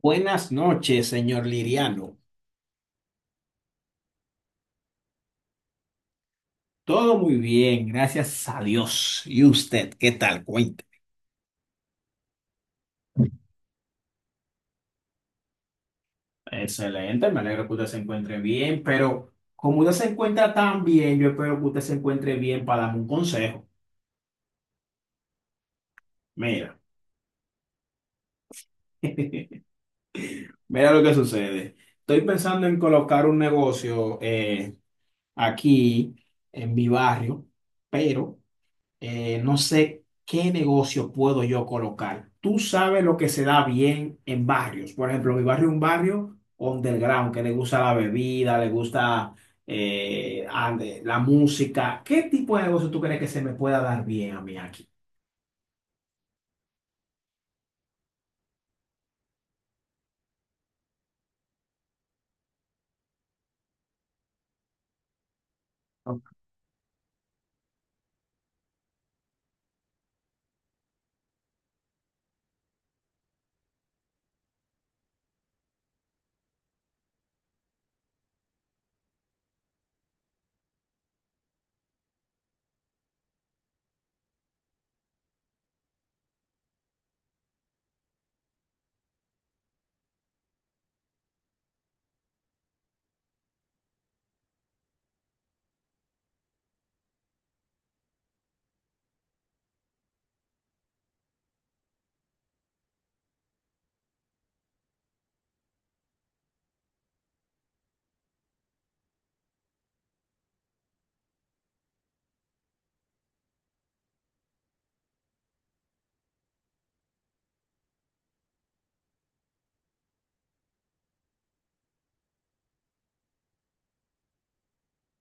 Buenas noches, señor Liriano. Todo muy bien, gracias a Dios. ¿Y usted, qué tal? Cuente. Excelente, me alegro que usted se encuentre bien, pero como usted se encuentra tan bien, yo espero que usted se encuentre bien para darme un consejo. Mira, mira, lo que sucede. Estoy pensando en colocar un negocio aquí en mi barrio, pero no sé qué negocio puedo yo colocar. Tú sabes lo que se da bien en barrios. Por ejemplo, mi barrio es un barrio underground, que le gusta la bebida, le gusta la música. ¿Qué tipo de negocio tú crees que se me pueda dar bien a mí aquí?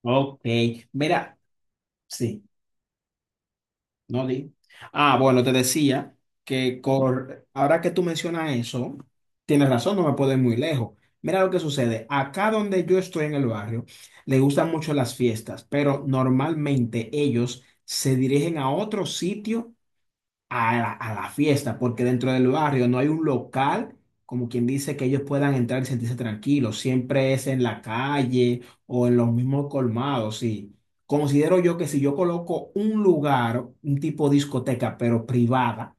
Ok, mira, sí. No di. Ah, bueno, te decía que ahora que tú mencionas eso, tienes razón, no me puedo ir muy lejos. Mira lo que sucede. Acá donde yo estoy en el barrio, le gustan mucho las fiestas, pero normalmente ellos se dirigen a otro sitio a la fiesta, porque dentro del barrio no hay un local, como quien dice, que ellos puedan entrar y sentirse tranquilos. Siempre es en la calle o en los mismos colmados, sí. Considero yo que si yo coloco un lugar, un tipo discoteca, pero privada,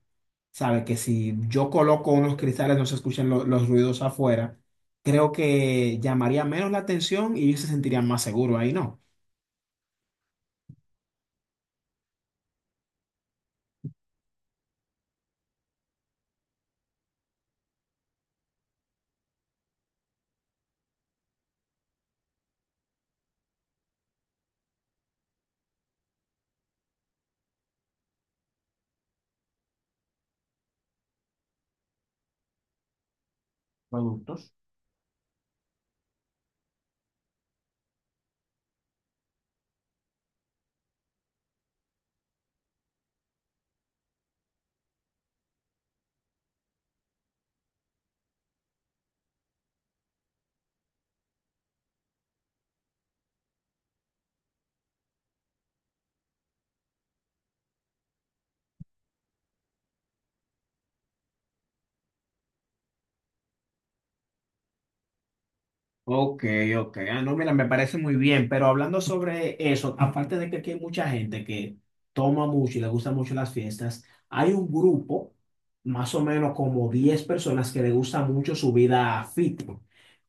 sabe que si yo coloco unos cristales no se escuchan los ruidos afuera, creo que llamaría menos la atención y ellos se sentirían más seguros ahí, ¿no? Ok, ok. Ah, no, mira, me parece muy bien, pero hablando sobre eso, aparte de que aquí hay mucha gente que toma mucho y le gustan mucho las fiestas, hay un grupo, más o menos como 10 personas que le gusta mucho su vida fit.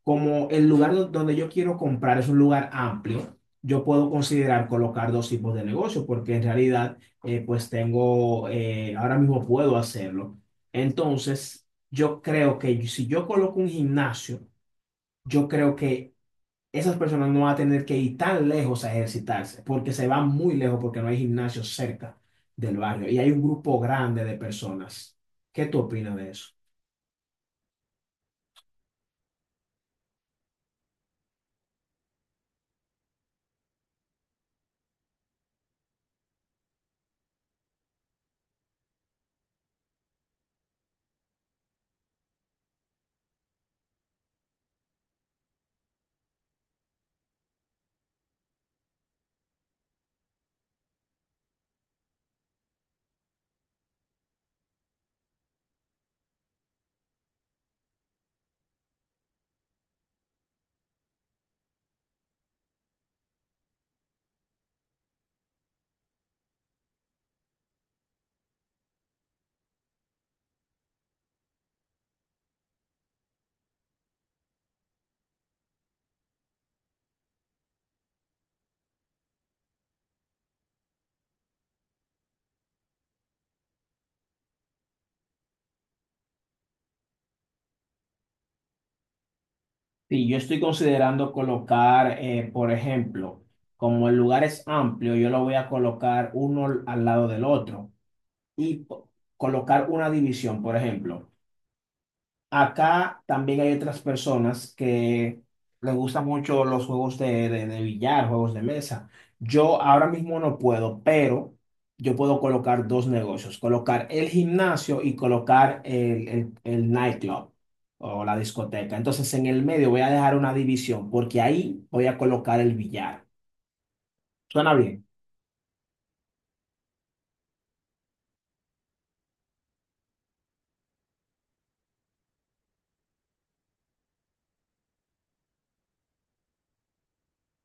Como el lugar donde yo quiero comprar es un lugar amplio, yo puedo considerar colocar dos tipos de negocio, porque en realidad, pues tengo, ahora mismo puedo hacerlo. Entonces, yo creo que si yo coloco un gimnasio, yo creo que esas personas no van a tener que ir tan lejos a ejercitarse, porque se van muy lejos porque no hay gimnasio cerca del barrio y hay un grupo grande de personas. ¿Qué tú opinas de eso? Sí, yo estoy considerando colocar, por ejemplo, como el lugar es amplio, yo lo voy a colocar uno al lado del otro y colocar una división, por ejemplo. Acá también hay otras personas que les gustan mucho los juegos de billar, juegos de mesa. Yo ahora mismo no puedo, pero yo puedo colocar dos negocios, colocar el gimnasio y colocar el nightclub o la discoteca. Entonces en el medio voy a dejar una división porque ahí voy a colocar el billar. ¿Suena bien?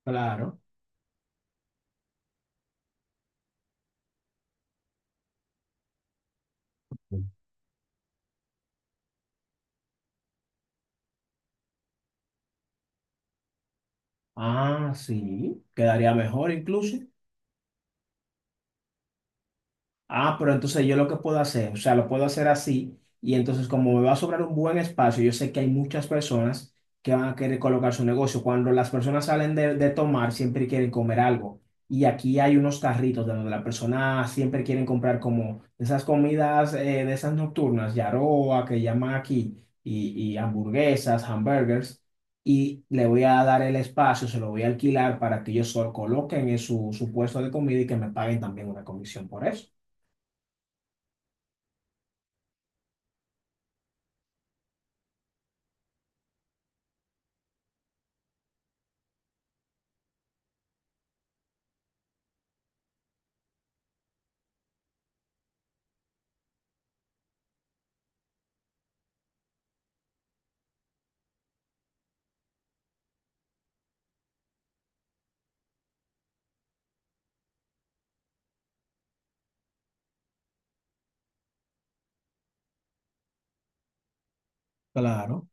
Claro. Ah, sí, quedaría mejor incluso. Ah, pero entonces yo lo que puedo hacer, o sea, lo puedo hacer así y entonces como me va a sobrar un buen espacio, yo sé que hay muchas personas que van a querer colocar su negocio. Cuando las personas salen de tomar, siempre quieren comer algo. Y aquí hay unos carritos de donde las personas siempre quieren comprar como esas comidas de esas nocturnas, yaroa, que llaman aquí, y hamburguesas, hamburgers. Y le voy a dar el espacio, se lo voy a alquilar para que ellos solo coloquen en su puesto de comida y que me paguen también una comisión por eso. Claro.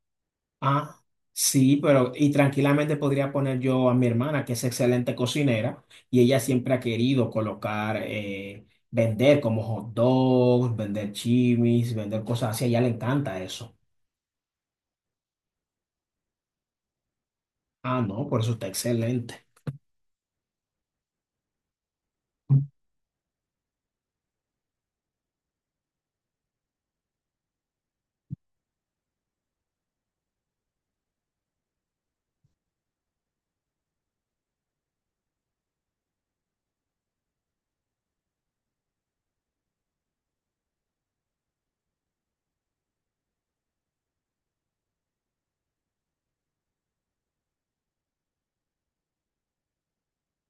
Ah, sí, pero y tranquilamente podría poner yo a mi hermana, que es excelente cocinera, y ella siempre ha querido colocar, vender como hot dogs, vender chimis, vender cosas así. A ella le encanta eso. Ah, no, por eso está excelente.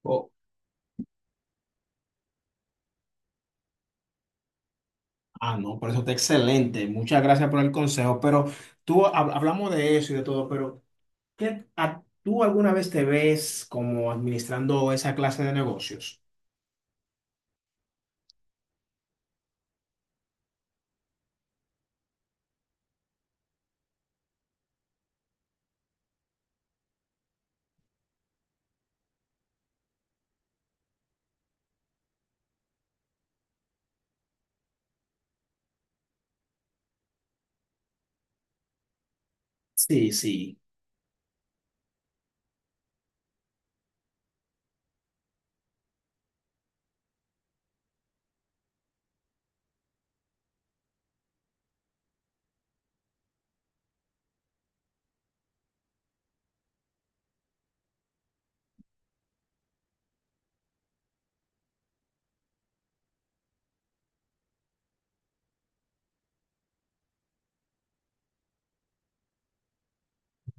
Oh, ah, no, por eso está excelente. Muchas gracias por el consejo. Pero tú hablamos de eso y de todo, pero ¿qué, ¿tú alguna vez te ves como administrando esa clase de negocios? Sí, sí.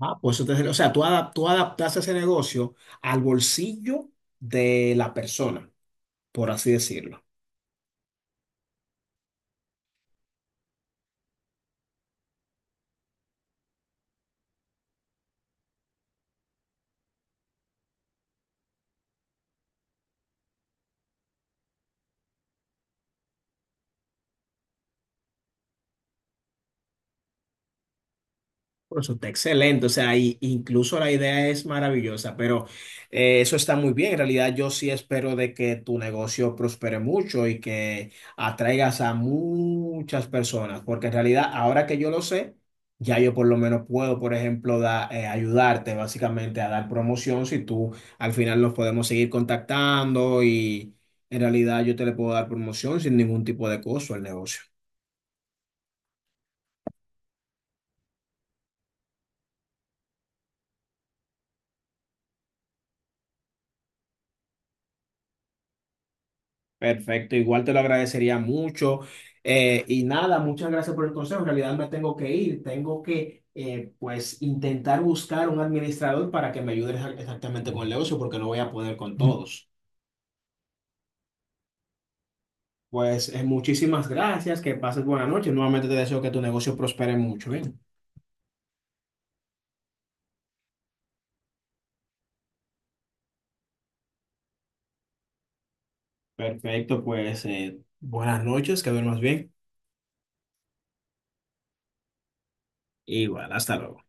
Ah, pues, entonces, o sea, tú, tú adaptaste ese negocio al bolsillo de la persona, por así decirlo. Bueno, eso está excelente, o sea, incluso la idea es maravillosa, pero eso está muy bien. En realidad, yo sí espero de que tu negocio prospere mucho y que atraigas a muchas personas, porque en realidad, ahora que yo lo sé, ya yo por lo menos puedo, por ejemplo, ayudarte básicamente a dar promoción si tú al final nos podemos seguir contactando y en realidad yo te le puedo dar promoción sin ningún tipo de costo al negocio. Perfecto, igual te lo agradecería mucho. Y nada, muchas gracias por el consejo. En realidad me tengo que ir, tengo que pues intentar buscar un administrador para que me ayude exactamente con el negocio porque no voy a poder con todos. Pues muchísimas gracias, que pases buena noche. Nuevamente te deseo que tu negocio prospere mucho, ¿bien? Perfecto, pues buenas noches, que duermas bien. Igual, hasta luego.